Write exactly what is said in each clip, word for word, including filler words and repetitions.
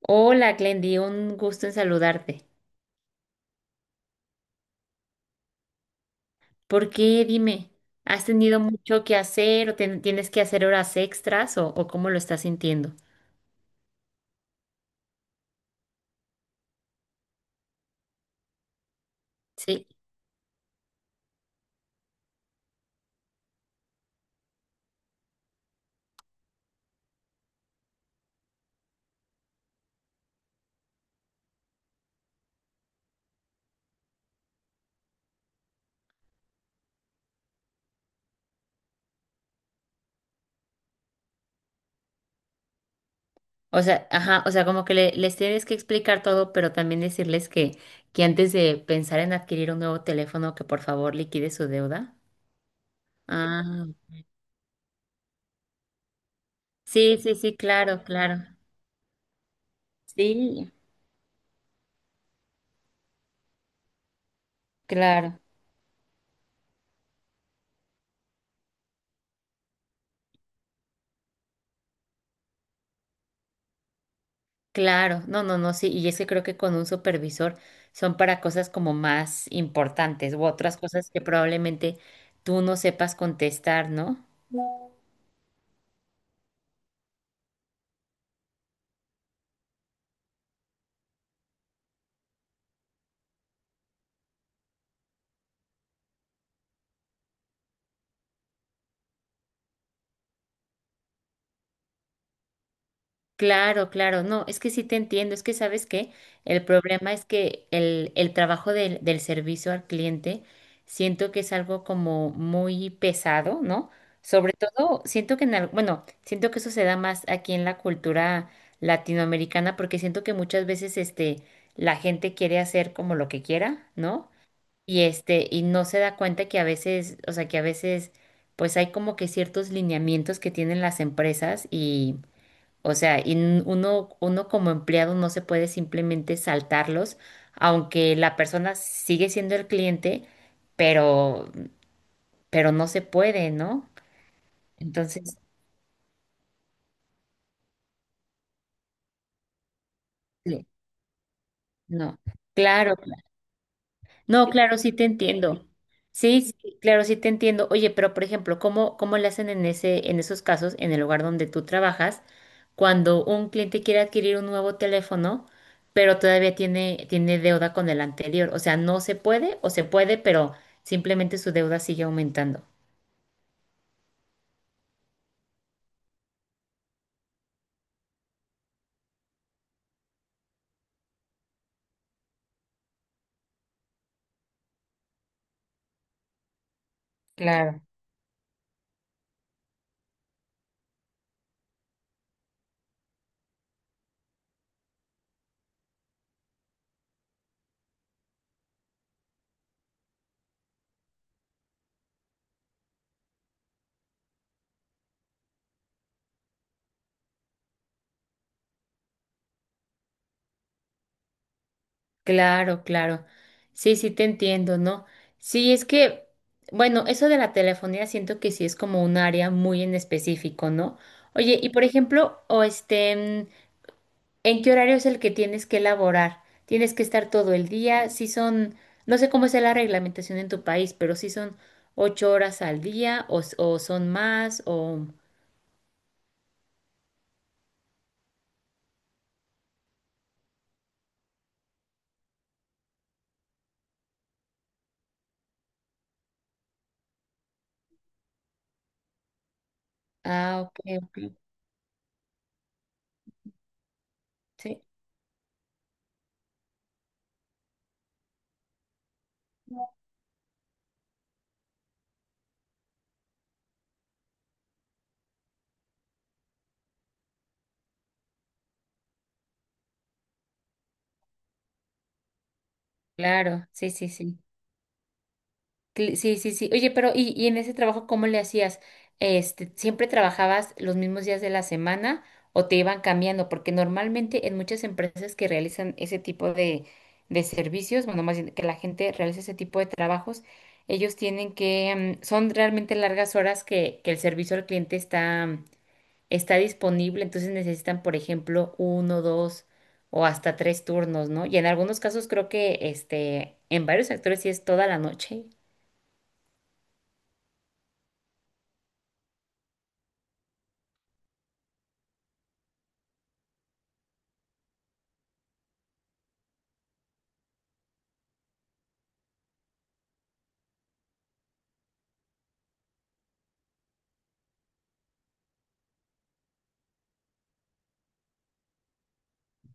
Hola, Glendy, un gusto en saludarte. ¿Por qué? Dime, ¿has tenido mucho que hacer o ten- tienes que hacer horas extras o, o cómo lo estás sintiendo? Sí. O sea, ajá, o sea, como que le- les tienes que explicar todo, pero también decirles que, que antes de pensar en adquirir un nuevo teléfono, que por favor liquide su deuda. Ah, sí, sí, sí, claro, claro. Sí, claro. Claro, no, no, no, sí, y es que creo que con un supervisor son para cosas como más importantes u otras cosas que probablemente tú no sepas contestar, ¿no? Claro, claro, no, es que sí te entiendo, es que sabes que el problema es que el, el trabajo del, del servicio al cliente siento que es algo como muy pesado, ¿no? Sobre todo, siento que en al- bueno, siento que eso se da más aquí en la cultura latinoamericana porque siento que muchas veces este, la gente quiere hacer como lo que quiera, ¿no? Y este, y no se da cuenta que a veces, o sea, que a veces pues hay como que ciertos lineamientos que tienen las empresas, o sea, y n- uno, uno como empleado no se puede simplemente saltarlos, aunque la persona sigue siendo el cliente, pero, pero, no se puede, ¿no? Entonces, le- no. Claro, no, claro, sí te entiendo. Sí, sí, claro, sí te entiendo. Oye, pero por ejemplo, ¿cómo, cómo le hacen en ese, en esos casos, en el lugar donde tú trabajas, cuando un cliente quiere adquirir un nuevo teléfono, pero todavía tiene, tiene deuda con el anterior? O sea, no se puede o se puede, pero simplemente su deuda sigue aumentando. Claro. Claro, claro. Sí, sí te entiendo, ¿no? Sí, es que, bueno, eso de la telefonía siento que sí es como un área muy en específico, ¿no? Oye, y por ejemplo, o este, mm, ¿en qué horario es el que tienes que elaborar? ¿Tienes que estar todo el día? Si son, no sé cómo es la reglamentación en tu país, pero si son ocho horas al día o, s- o son más o... Ah, ok, ok. Sí, claro, sí, sí, sí. Cl- Sí, sí, sí. Oye, pero ¿y, y en ese trabajo cómo le hacías? Este, ¿siempre trabajabas los mismos días de la semana o te iban cambiando? Porque normalmente en muchas empresas que realizan ese tipo de, de servicios, bueno, más bien que la gente realiza ese tipo de trabajos, ellos tienen que, mm, son realmente largas horas que, que, el servicio al cliente está, está disponible, entonces necesitan, por ejemplo, uno, dos o hasta tres turnos, ¿no? Y en algunos casos creo que, este, en varios sectores sí es toda la noche.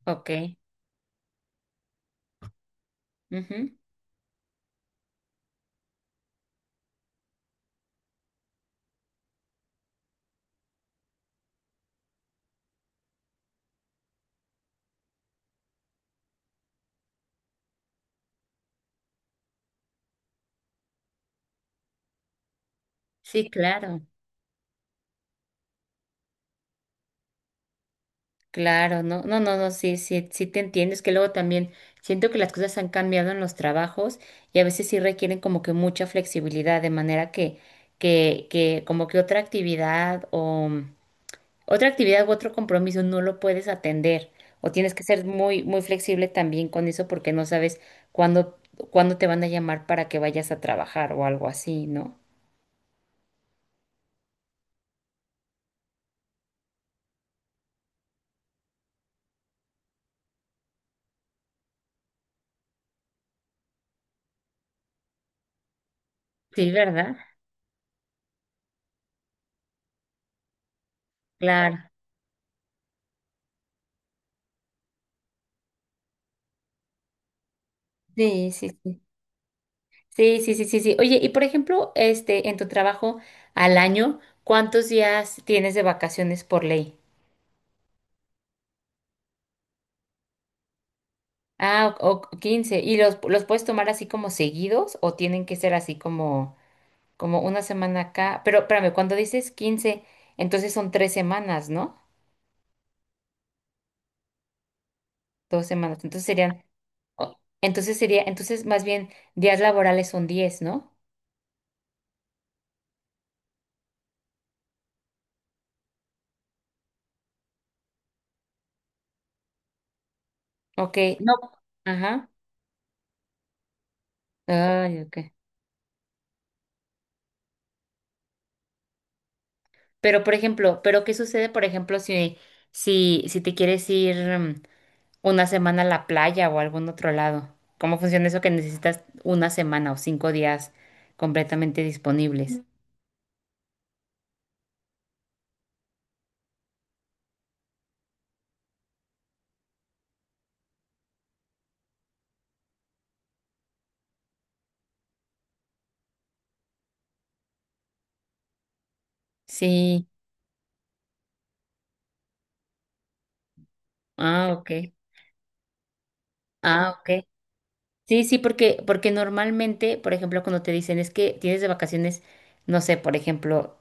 Ok, ujú. Sí, claro, claro, no, no, no, no, sí, sí, sí te entiendo. Es que luego también siento que las cosas han cambiado en los trabajos y a veces sí requieren como que mucha flexibilidad, de manera que, que, que, como que otra actividad o otra actividad u otro compromiso no lo puedes atender o tienes que ser muy, muy flexible también con eso porque no sabes cuándo, cuándo te van a llamar para que vayas a trabajar o algo así, ¿no? Sí, ¿verdad? Claro. Sí, sí, sí. Sí, sí, sí, sí, sí. Oye, y por ejemplo, este, en tu trabajo al año, ¿cuántos días tienes de vacaciones por ley? Ah, o, o quince. ¿Y los, los puedes tomar así como seguidos o tienen que ser así como, como una semana acá? Pero espérame, cuando dices quince, entonces son tres semanas, ¿no? Dos semanas. Entonces serían, o- entonces sería, entonces más bien días laborales son diez, ¿no? Ok, no. Ajá. Ay, ok. Pero, por ejemplo, pero ¿qué sucede, por ejemplo, si, si, si te quieres ir mm, una semana a la playa o a algún otro lado? ¿Cómo funciona eso que necesitas una semana o cinco días completamente disponibles? Sí. Ah, ok. Ah, ok. Sí, sí, porque, porque normalmente, por ejemplo, cuando te dicen es que tienes de vacaciones, no sé, por ejemplo,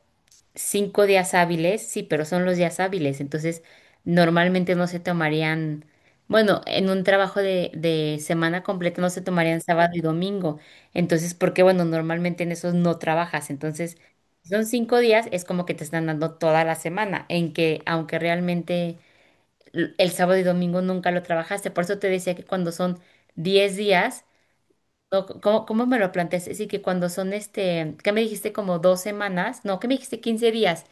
cinco días hábiles, sí, pero son los días hábiles, entonces normalmente no se tomarían, bueno, en un trabajo de, de semana completa no se tomarían sábado y domingo, entonces, porque bueno, normalmente en esos no trabajas, entonces, si son cinco días, es como que te están dando toda la semana, en que aunque realmente l- el sábado y domingo nunca lo trabajaste, por eso te decía que cuando son diez días, no, c- ¿cómo, cómo me lo planteaste? Sí, que cuando son este, ¿qué me dijiste? Como dos semanas, no, ¿qué me dijiste? Quince días.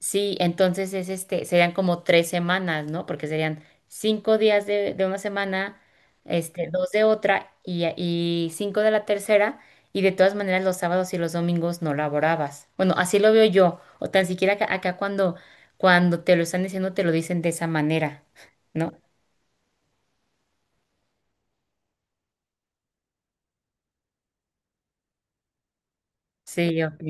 Sí, entonces es este, serían como tres semanas, ¿no? Porque serían cinco días de, de una semana, este, dos de otra y, y cinco de la tercera, y de todas maneras los sábados y los domingos no laborabas. Bueno, así lo veo yo, o tan siquiera acá, acá cuando, cuando te lo están diciendo, te lo dicen de esa manera, ¿no? Sí, ok.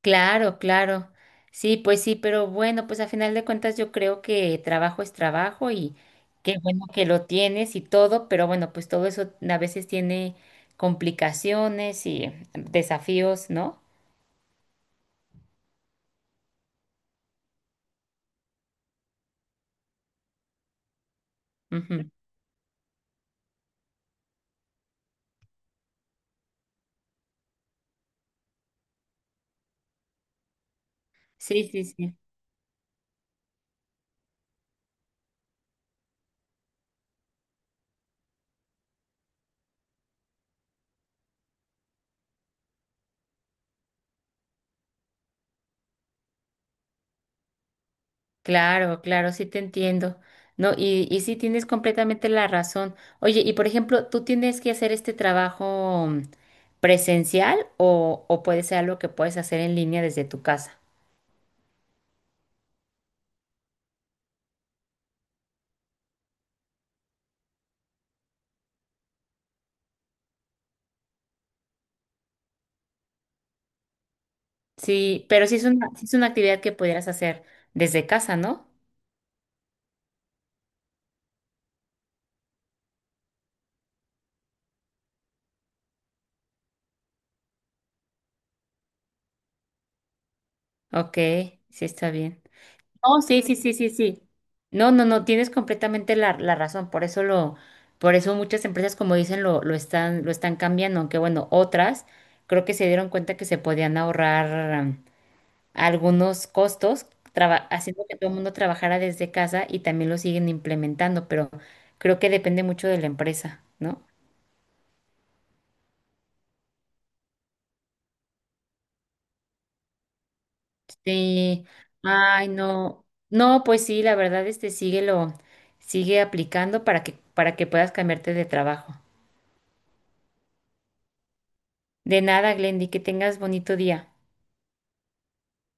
Claro, claro. Sí, pues sí, pero bueno, pues a final de cuentas yo creo que trabajo es trabajo y qué bueno que lo tienes y todo, pero bueno, pues todo eso a veces tiene complicaciones y desafíos, ¿no? Ujú. Sí, sí, sí. Claro, claro, sí te entiendo. No, y, y sí tienes completamente la razón. Oye, y por ejemplo, ¿tú tienes que hacer este trabajo mm, presencial o, o puede ser algo que puedes hacer en línea desde tu casa? Sí, pero sí es una, sí es una actividad que pudieras hacer desde casa, ¿no? Ok, sí está bien. Oh, sí, sí, sí, sí, sí. No, no, no, tienes completamente la, la razón. Por eso lo, por eso muchas empresas, como dicen, lo, lo están, lo están cambiando, aunque bueno, otras creo que se dieron cuenta que se podían ahorrar mm, algunos costos, traba- haciendo que todo el mundo trabajara desde casa y también lo siguen implementando, pero creo que depende mucho de la empresa, ¿no? Sí, ay, no, no, pues sí, la verdad, este, síguelo, sigue aplicando para que, para que, puedas cambiarte de trabajo. De nada, Glendy, que tengas bonito día.